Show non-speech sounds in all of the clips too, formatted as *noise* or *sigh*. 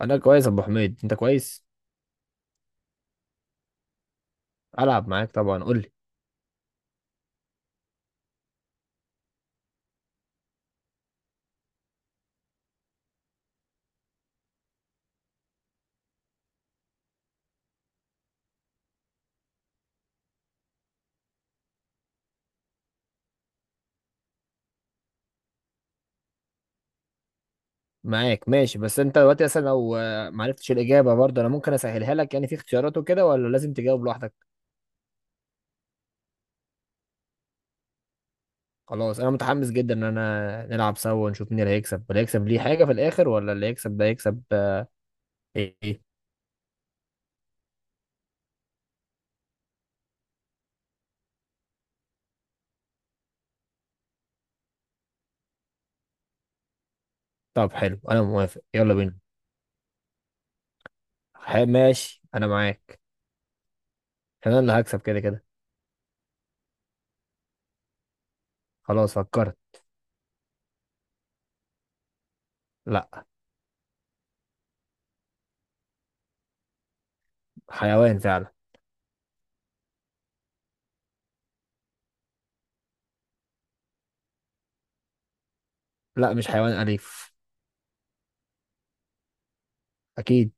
انا كويس يا ابو حميد. انت كويس؟ العب معاك طبعا، قول لي. معاك، ماشي. بس انت دلوقتي اصلا لو ما عرفتش الاجابه برضه انا ممكن اسهلها لك، يعني في اختيارات وكده، ولا لازم تجاوب لوحدك؟ خلاص انا متحمس جدا ان انا نلعب سوا ونشوف مين اللي هيكسب. اللي هيكسب ليه حاجه في الاخر، ولا اللي هيكسب ده يكسب ايه؟ طب حلو، انا موافق، يلا بينا. ماشي، انا معاك. عشان انا اللي هكسب كده كده. خلاص فكرت. لا. حيوان فعلا. لا، مش حيوان اليف. اكيد.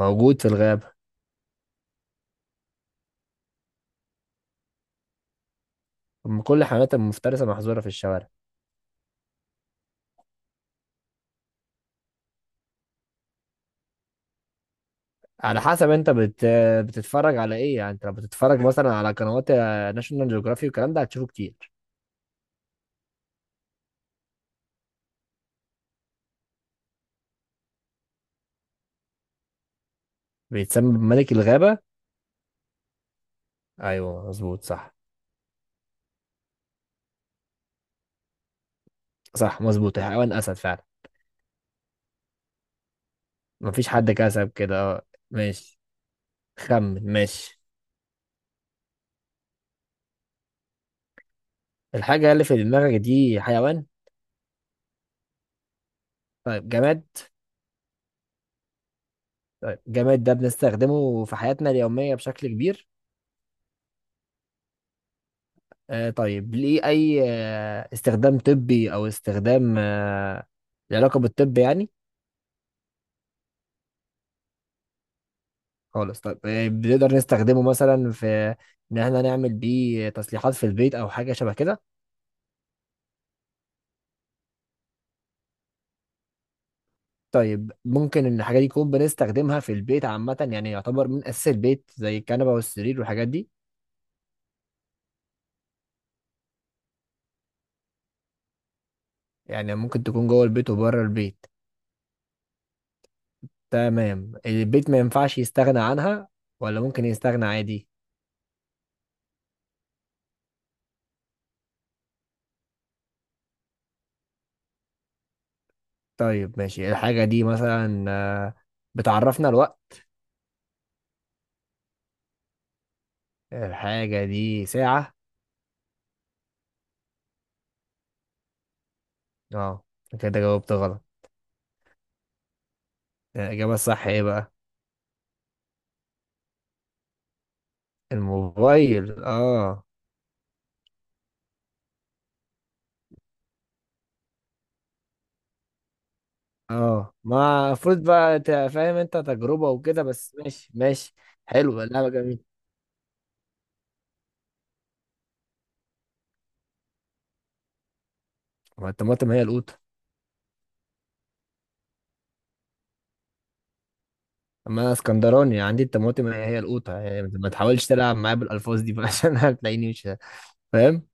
موجود في الغابه. أم، كل الحيوانات المفترسه محظوره في الشوارع. على حسب، بتتفرج على ايه يعني؟ انت لو بتتفرج مثلا على قنوات ناشونال جيوغرافي والكلام ده هتشوفه كتير. بيتسمى بملك الغابة. ايوه، مظبوط، صح. صح، مظبوط، حيوان اسد فعلا. مفيش حد كسب كده، اه. ماشي، خمن، ماشي. الحاجة اللي في دماغك دي حيوان؟ طيب، جماد. طيب، جماد ده بنستخدمه في حياتنا اليومية بشكل كبير؟ آه، طيب ليه اي استخدام طبي، او استخدام له علاقة بالطب يعني؟ خالص. طيب بنقدر نستخدمه مثلا في ان احنا نعمل بيه تصليحات في البيت او حاجه شبه كده؟ طيب ممكن ان الحاجه دي نكون بنستخدمها في البيت عامه، يعني يعتبر من اساس البيت زي الكنبه والسرير والحاجات دي؟ يعني ممكن تكون جوه البيت وبره البيت. تمام. البيت ما ينفعش يستغنى عنها، ولا ممكن يستغنى عادي؟ طيب ماشي. الحاجه دي مثلا بتعرفنا الوقت؟ الحاجه دي ساعه. اه، كده جاوبت غلط. الاجابه الصح ايه بقى؟ الموبايل؟ اه. اه، ما المفروض بقى فاهم؟ انت تجربة وكده، بس ماشي ماشي. حلو، لعبة جميلة. ما الطماطم هي القوطة. ما اسكندراني، عندي الطماطم هي هي القوطة، يعني ما تحاولش تلعب معايا بالألفاظ دي بقى *laughs* عشان هتلاقيني مش فاهم.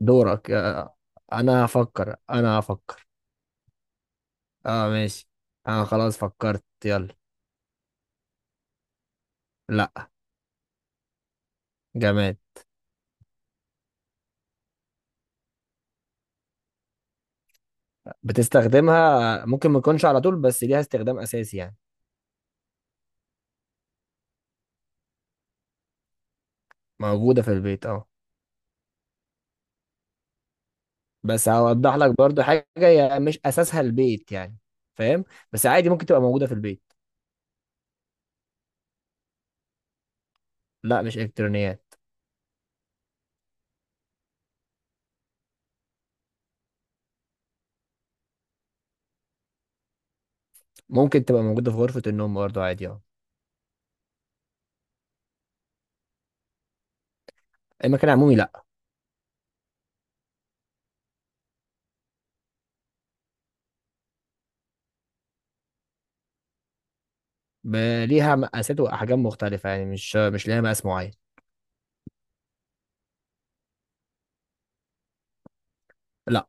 دورك يا- انا هفكر، انا هفكر. اه ماشي، انا خلاص فكرت، يلا. لا. جماد. بتستخدمها، ممكن ما تكونش على طول، بس ليها استخدام اساسي يعني. موجودة في البيت، اه. بس هوضح لك برضو حاجة، هي مش أساسها البيت يعني. فاهم؟ بس عادي، ممكن تبقى موجودة في البيت. لا، مش إلكترونيات. ممكن تبقى موجودة في غرفة النوم برضو عادي، اه. المكان العمومي، لا. ب- ليها مقاسات وأحجام مختلفة، يعني مش ليها مقاس معين. لا.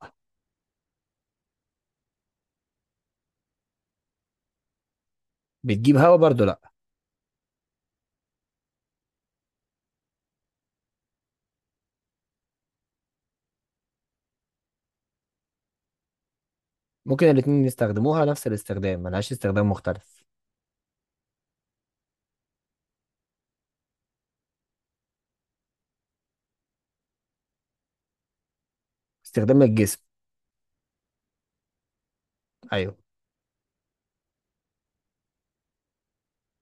بتجيب هوا برضو، لا. ممكن الاتنين يستخدموها نفس الاستخدام، ملهاش استخدام مختلف. استخدام الجسم. أيوه.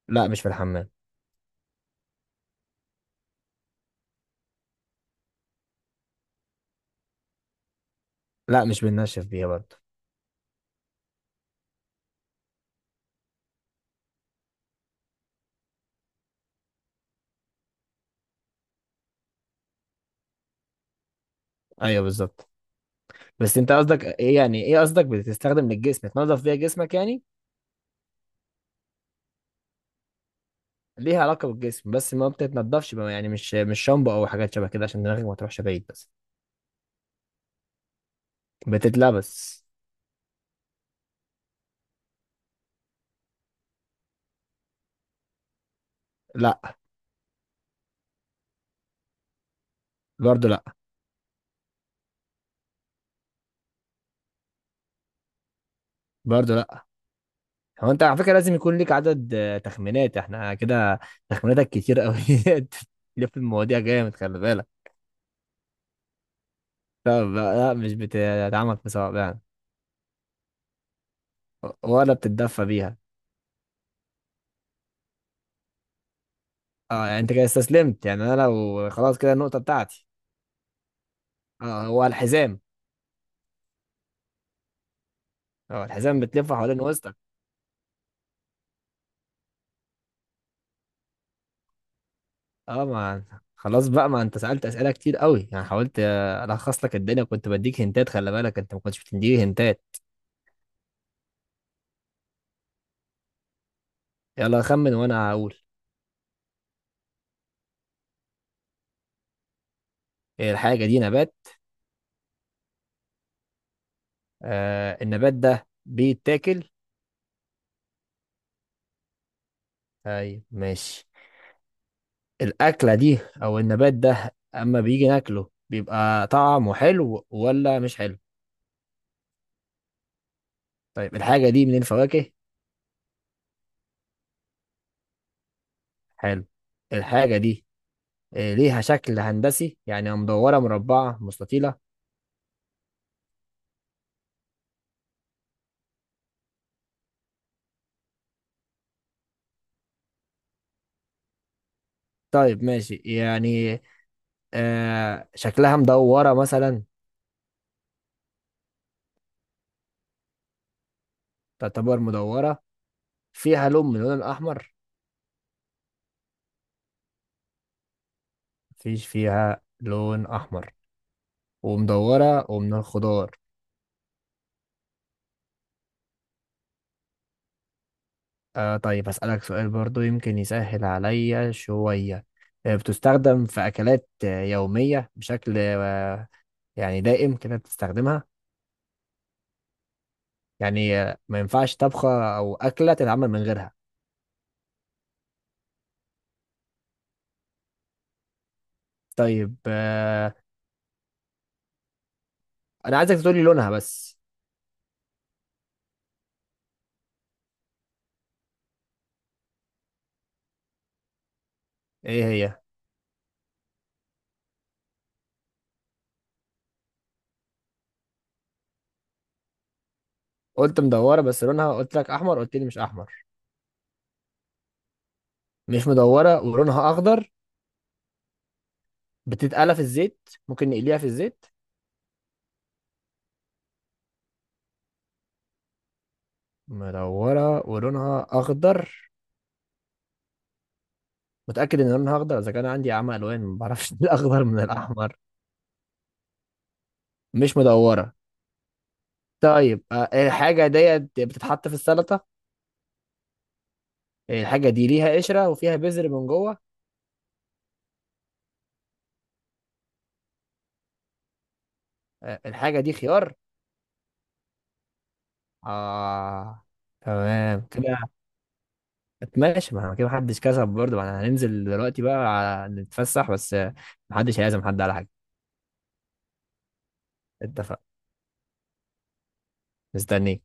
لا، مش في الحمام. لا، مش بننشف بيها برضو. أيوه، بالظبط. بس أنت قصدك إيه يعني؟ إيه قصدك بتستخدم للجسم؟ تنظف بيها جسمك يعني؟ ليها علاقة بالجسم، بس ما بتتنضفش بقى، يعني مش شامبو او حاجات شبه كده، عشان دماغك ما تروحش بعيد بس. بتتلبس. لا. برضه لا. برضه لا. هو انت على فكرة لازم يكون ليك عدد تخمينات، احنا كده تخميناتك كتير قوي. *laughs* تلف المواضيع جامد، خلي بالك. طب لا، مش بتتعمل في صوابع يعني. ولا بتتدفى بيها. اه، يعني انت كده استسلمت يعني؟ انا لو خلاص كده النقطة بتاعتي. اه. هو الحزام. اه، الحزام بتلفه حوالين وسطك. اه. ما خلاص بقى، ما انت سألت أسئلة كتير قوي، يعني حاولت الخص لك الدنيا، كنت بديك هنتات، خلي بالك، انت ما كنتش بتديني هنتات. يلا خمن وانا هقول. إيه الحاجة دي؟ نبات؟ آه، النبات ده بيتاكل؟ ايوه ماشي. الأكلة دي او النبات ده اما بيجي ناكله بيبقى طعمه حلو ولا مش حلو؟ طيب الحاجة دي من الفواكه؟ حلو. الحاجة دي ليها شكل هندسي يعني، مدورة، مربعة، مستطيلة؟ طيب ماشي يعني. آه، شكلها مدورة مثلا؟ تعتبر مدورة. فيها لون من اللون الأحمر؟ مفيش فيها لون أحمر، ومدورة، ومن الخضار. آه، طيب هسألك سؤال برضو يمكن يسهل عليا شوية. آه، بتستخدم في أكلات يومية بشكل يعني دائم كده بتستخدمها؟ يعني ما ينفعش طبخة أو أكلة تتعمل من غيرها؟ طيب آه. أنا عايزك تقولي لونها بس. إيه هي؟ قلت مدورة، بس لونها قلت لك أحمر، قلت لي مش أحمر. مش مدورة ولونها أخضر. بتتقلى في الزيت؟ ممكن نقليها في الزيت؟ مدورة ولونها أخضر؟ متأكد إن لونها أخضر؟ إذا كان عندي عمى ألوان ما بعرفش *laughs* الأخضر من الأحمر. مش مدورة. طيب الحاجة ديت بتتحط في السلطة. الحاجة دي ليها قشرة وفيها بذر من جوه. آه، الحاجة دي خيار. آه. تمام كده. ماشي، ما كده محدش كسب برضه، ما احنا هننزل دلوقتي بقى نتفسح، بس محدش هيعزم حد على حاجة. اتفق. مستنيك.